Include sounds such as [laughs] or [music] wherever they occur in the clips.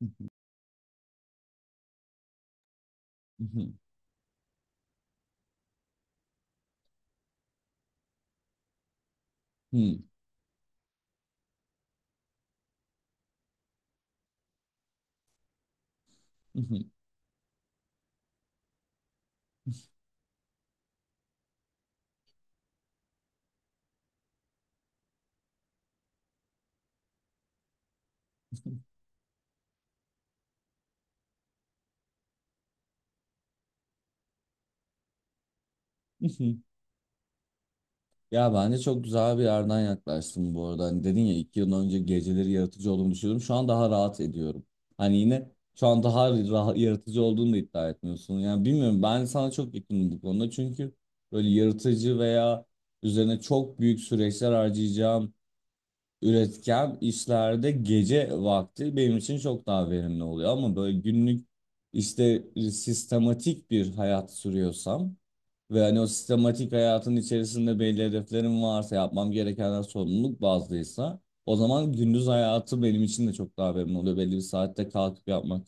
[laughs] Ya bence çok güzel bir yerden yaklaştın bu arada. Hani dedin ya iki yıl önce geceleri yaratıcı olduğumu düşünüyordum. Şu an daha rahat ediyorum. Hani yine şu an daha rahat, yaratıcı olduğunu da iddia etmiyorsun. Yani bilmiyorum, ben sana çok yakınım bu konuda. Çünkü böyle yaratıcı veya üzerine çok büyük süreçler harcayacağım, üretken işlerde gece vakti benim için çok daha verimli oluyor. Ama böyle günlük işte sistematik bir hayat sürüyorsam ve hani o sistematik hayatın içerisinde belli hedeflerim varsa, yapmam gerekenler sorumluluk bazlıysa, o zaman gündüz hayatı benim için de çok daha verimli oluyor. Belli bir saatte kalkıp yapmak.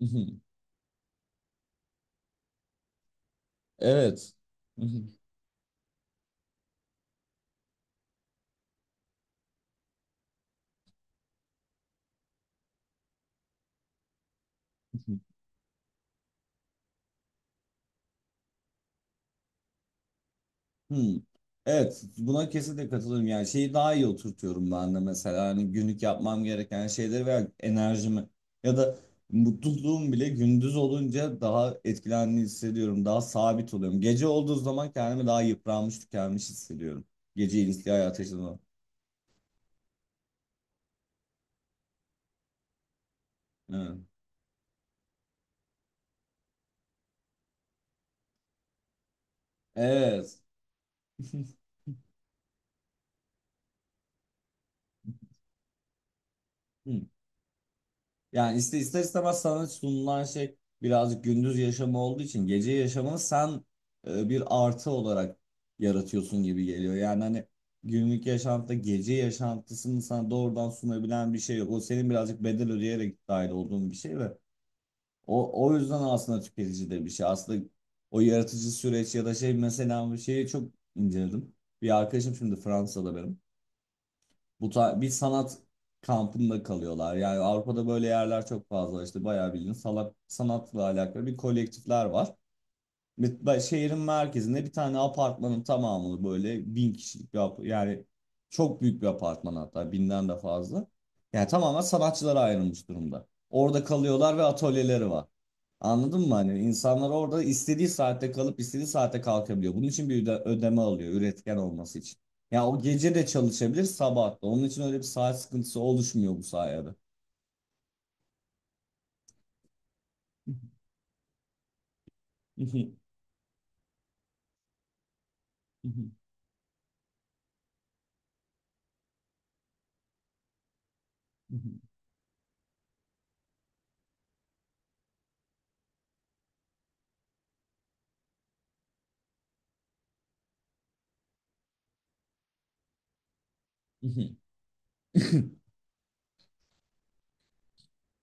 [laughs] Evet. [laughs] Hmm. Evet, buna kesinlikle katılıyorum. Yani şeyi daha iyi oturtuyorum ben de mesela, hani günlük yapmam gereken şeyleri veya enerjimi ya da mutluluğum bile, gündüz olunca daha etkilendiğini hissediyorum. Daha sabit oluyorum. Gece olduğu zaman kendimi daha yıpranmış, tükenmiş hissediyorum. Gece ilişki hayatı yaşadığım. Zaman. Evet. Evet. [laughs] Yani iste ister istemez sana sunulan şey birazcık gündüz yaşamı olduğu için, gece yaşamını sen bir artı olarak yaratıyorsun gibi geliyor. Yani hani günlük yaşantıda gece yaşantısını sana doğrudan sunabilen bir şey yok. O, senin birazcık bedel ödeyerek dahil olduğun bir şey ve o yüzden aslında tüketici de bir şey. Aslında o yaratıcı süreç ya da şey, mesela bir şeyi çok inceledim. Bir arkadaşım şimdi Fransa'da benim. Bir sanat kampında kalıyorlar. Yani Avrupa'da böyle yerler çok fazla, işte bayağı bildiğin salak, sanatla alakalı bir kolektifler var. Şehrin merkezinde bir tane apartmanın tamamını, böyle bin kişilik yani çok büyük bir apartman, hatta binden de fazla. Yani tamamen sanatçılara ayrılmış durumda. Orada kalıyorlar ve atölyeleri var. Anladın mı? Hani insanlar orada istediği saatte kalıp istediği saatte kalkabiliyor. Bunun için bir ödeme alıyor üretken olması için. Ya o gece de çalışabilir, sabah da. Onun için öyle bir saat sıkıntısı oluşmuyor bu sayede. [laughs]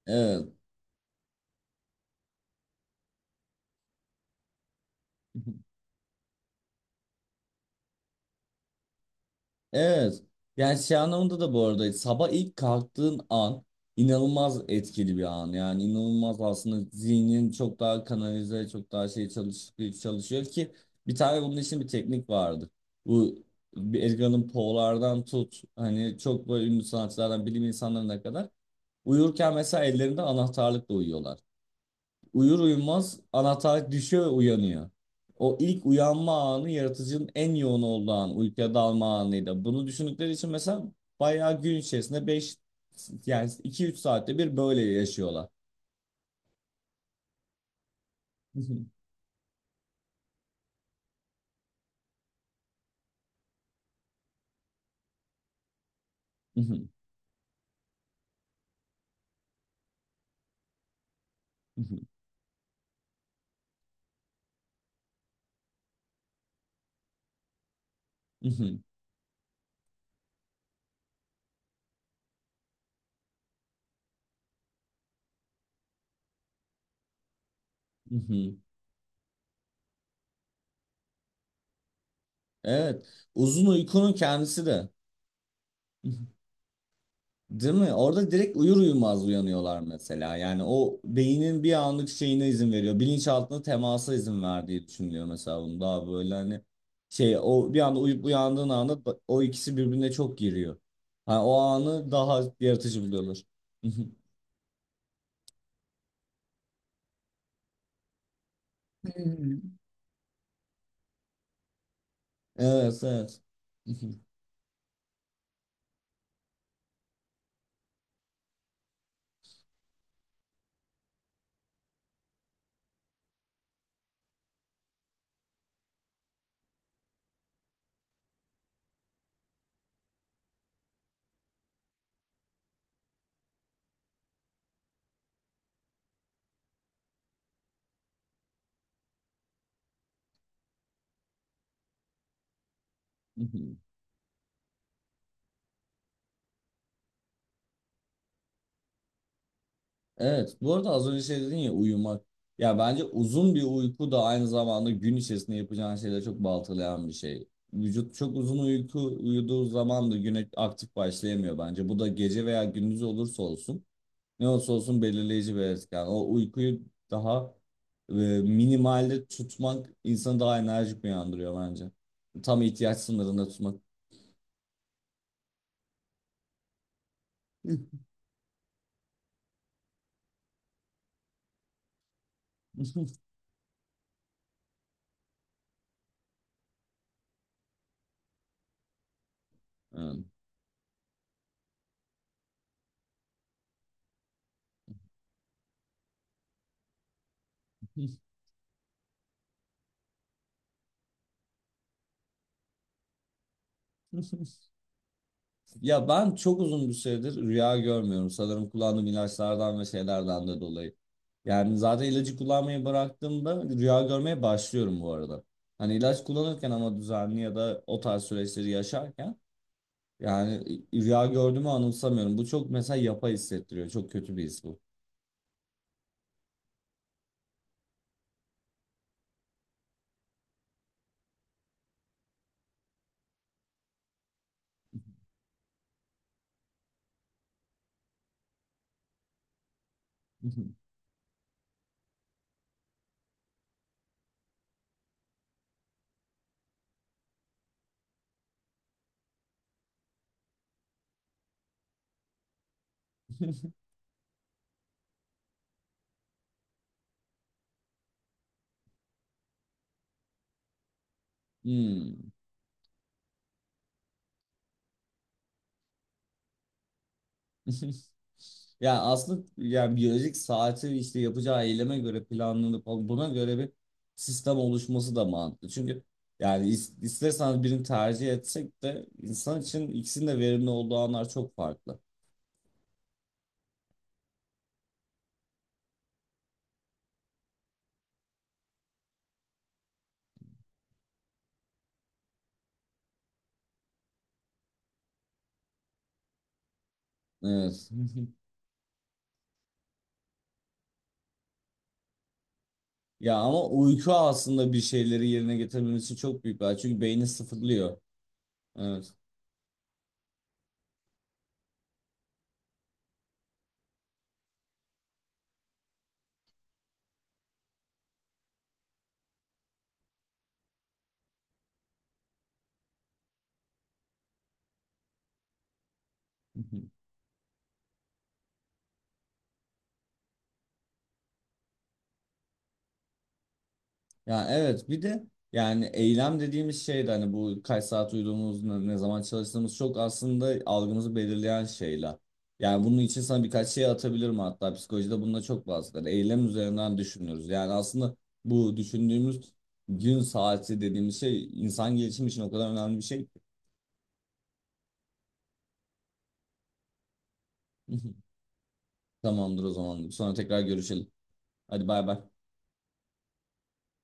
Evet. Evet. Yani şey anlamında da, bu arada, sabah ilk kalktığın an inanılmaz etkili bir an. Yani inanılmaz, aslında zihnin çok daha kanalize, çok daha çalışıyor ki bir tane, bunun için bir teknik vardı. Bu, bir Edgar Allan Poe'lardan tut hani, çok böyle ünlü sanatçılardan bilim insanlarına kadar uyurken mesela ellerinde anahtarlıkla uyuyorlar. Uyur uyumaz anahtar düşüyor ve uyanıyor. O ilk uyanma anı yaratıcının en yoğun olduğu an, uykuya dalma anıydı. Bunu düşündükleri için mesela bayağı gün içerisinde yani iki üç saatte bir böyle yaşıyorlar. [laughs] Evet. Uzun uykunun kendisi de. [laughs] Değil mi? Orada direkt uyur uyumaz uyanıyorlar mesela. Yani o beynin bir anlık şeyine izin veriyor. Bilinçaltına temasa izin verdiği düşünülüyor mesela, bunun daha böyle hani şey, o bir anda uyup uyandığın anda o ikisi birbirine çok giriyor. Hani o anı daha yaratıcı buluyorlar. [laughs] Hmm. Evet, evet. [laughs] Evet, bu arada az önce şey dedin ya, uyumak. Ya bence uzun bir uyku da aynı zamanda gün içerisinde yapacağın şeyleri çok baltalayan bir şey. Vücut çok uzun uyku uyuduğu zaman da güne aktif başlayamıyor bence. Bu da gece veya gündüz olursa olsun, ne olursa olsun belirleyici bir etken. O uykuyu daha e, minimalde tutmak insanı daha enerjik uyandırıyor bence. Tam ihtiyaç sınırında tutmak. [laughs] Evet. [laughs] Ya ben çok uzun bir süredir rüya görmüyorum. Sanırım kullandığım ilaçlardan ve şeylerden de dolayı. Yani zaten ilacı kullanmayı bıraktığımda rüya görmeye başlıyorum bu arada. Hani ilaç kullanırken, ama düzenli ya da o tarz süreçleri yaşarken, yani rüya gördüğümü anımsamıyorum. Bu çok mesela yapay hissettiriyor. Çok kötü bir his bu. [laughs] Hmm. [laughs] Ya aslında yani biyolojik saati işte yapacağı eyleme göre planlanıp buna göre bir sistem oluşması da mantıklı. Çünkü yani isterseniz birini tercih etsek de, insan için ikisinin de verimli olduğu anlar çok farklı. Evet. [laughs] Ya ama uyku aslında bir şeyleri yerine getirmemiz için çok büyük bir araç. Çünkü beyni sıfırlıyor. Evet. [laughs] Ya evet, bir de yani eylem dediğimiz şey de, hani bu kaç saat uyuduğumuz, ne zaman çalıştığımız, çok aslında algımızı belirleyen şeyler. Yani bunun için sana birkaç şey atabilirim, hatta psikolojide bununla çok bahseder. Eylem üzerinden düşünüyoruz. Yani aslında bu düşündüğümüz gün saati dediğimiz şey insan gelişimi için o kadar önemli bir şey. Ki. [laughs] Tamamdır o zaman. Sonra tekrar görüşelim. Hadi bay bay.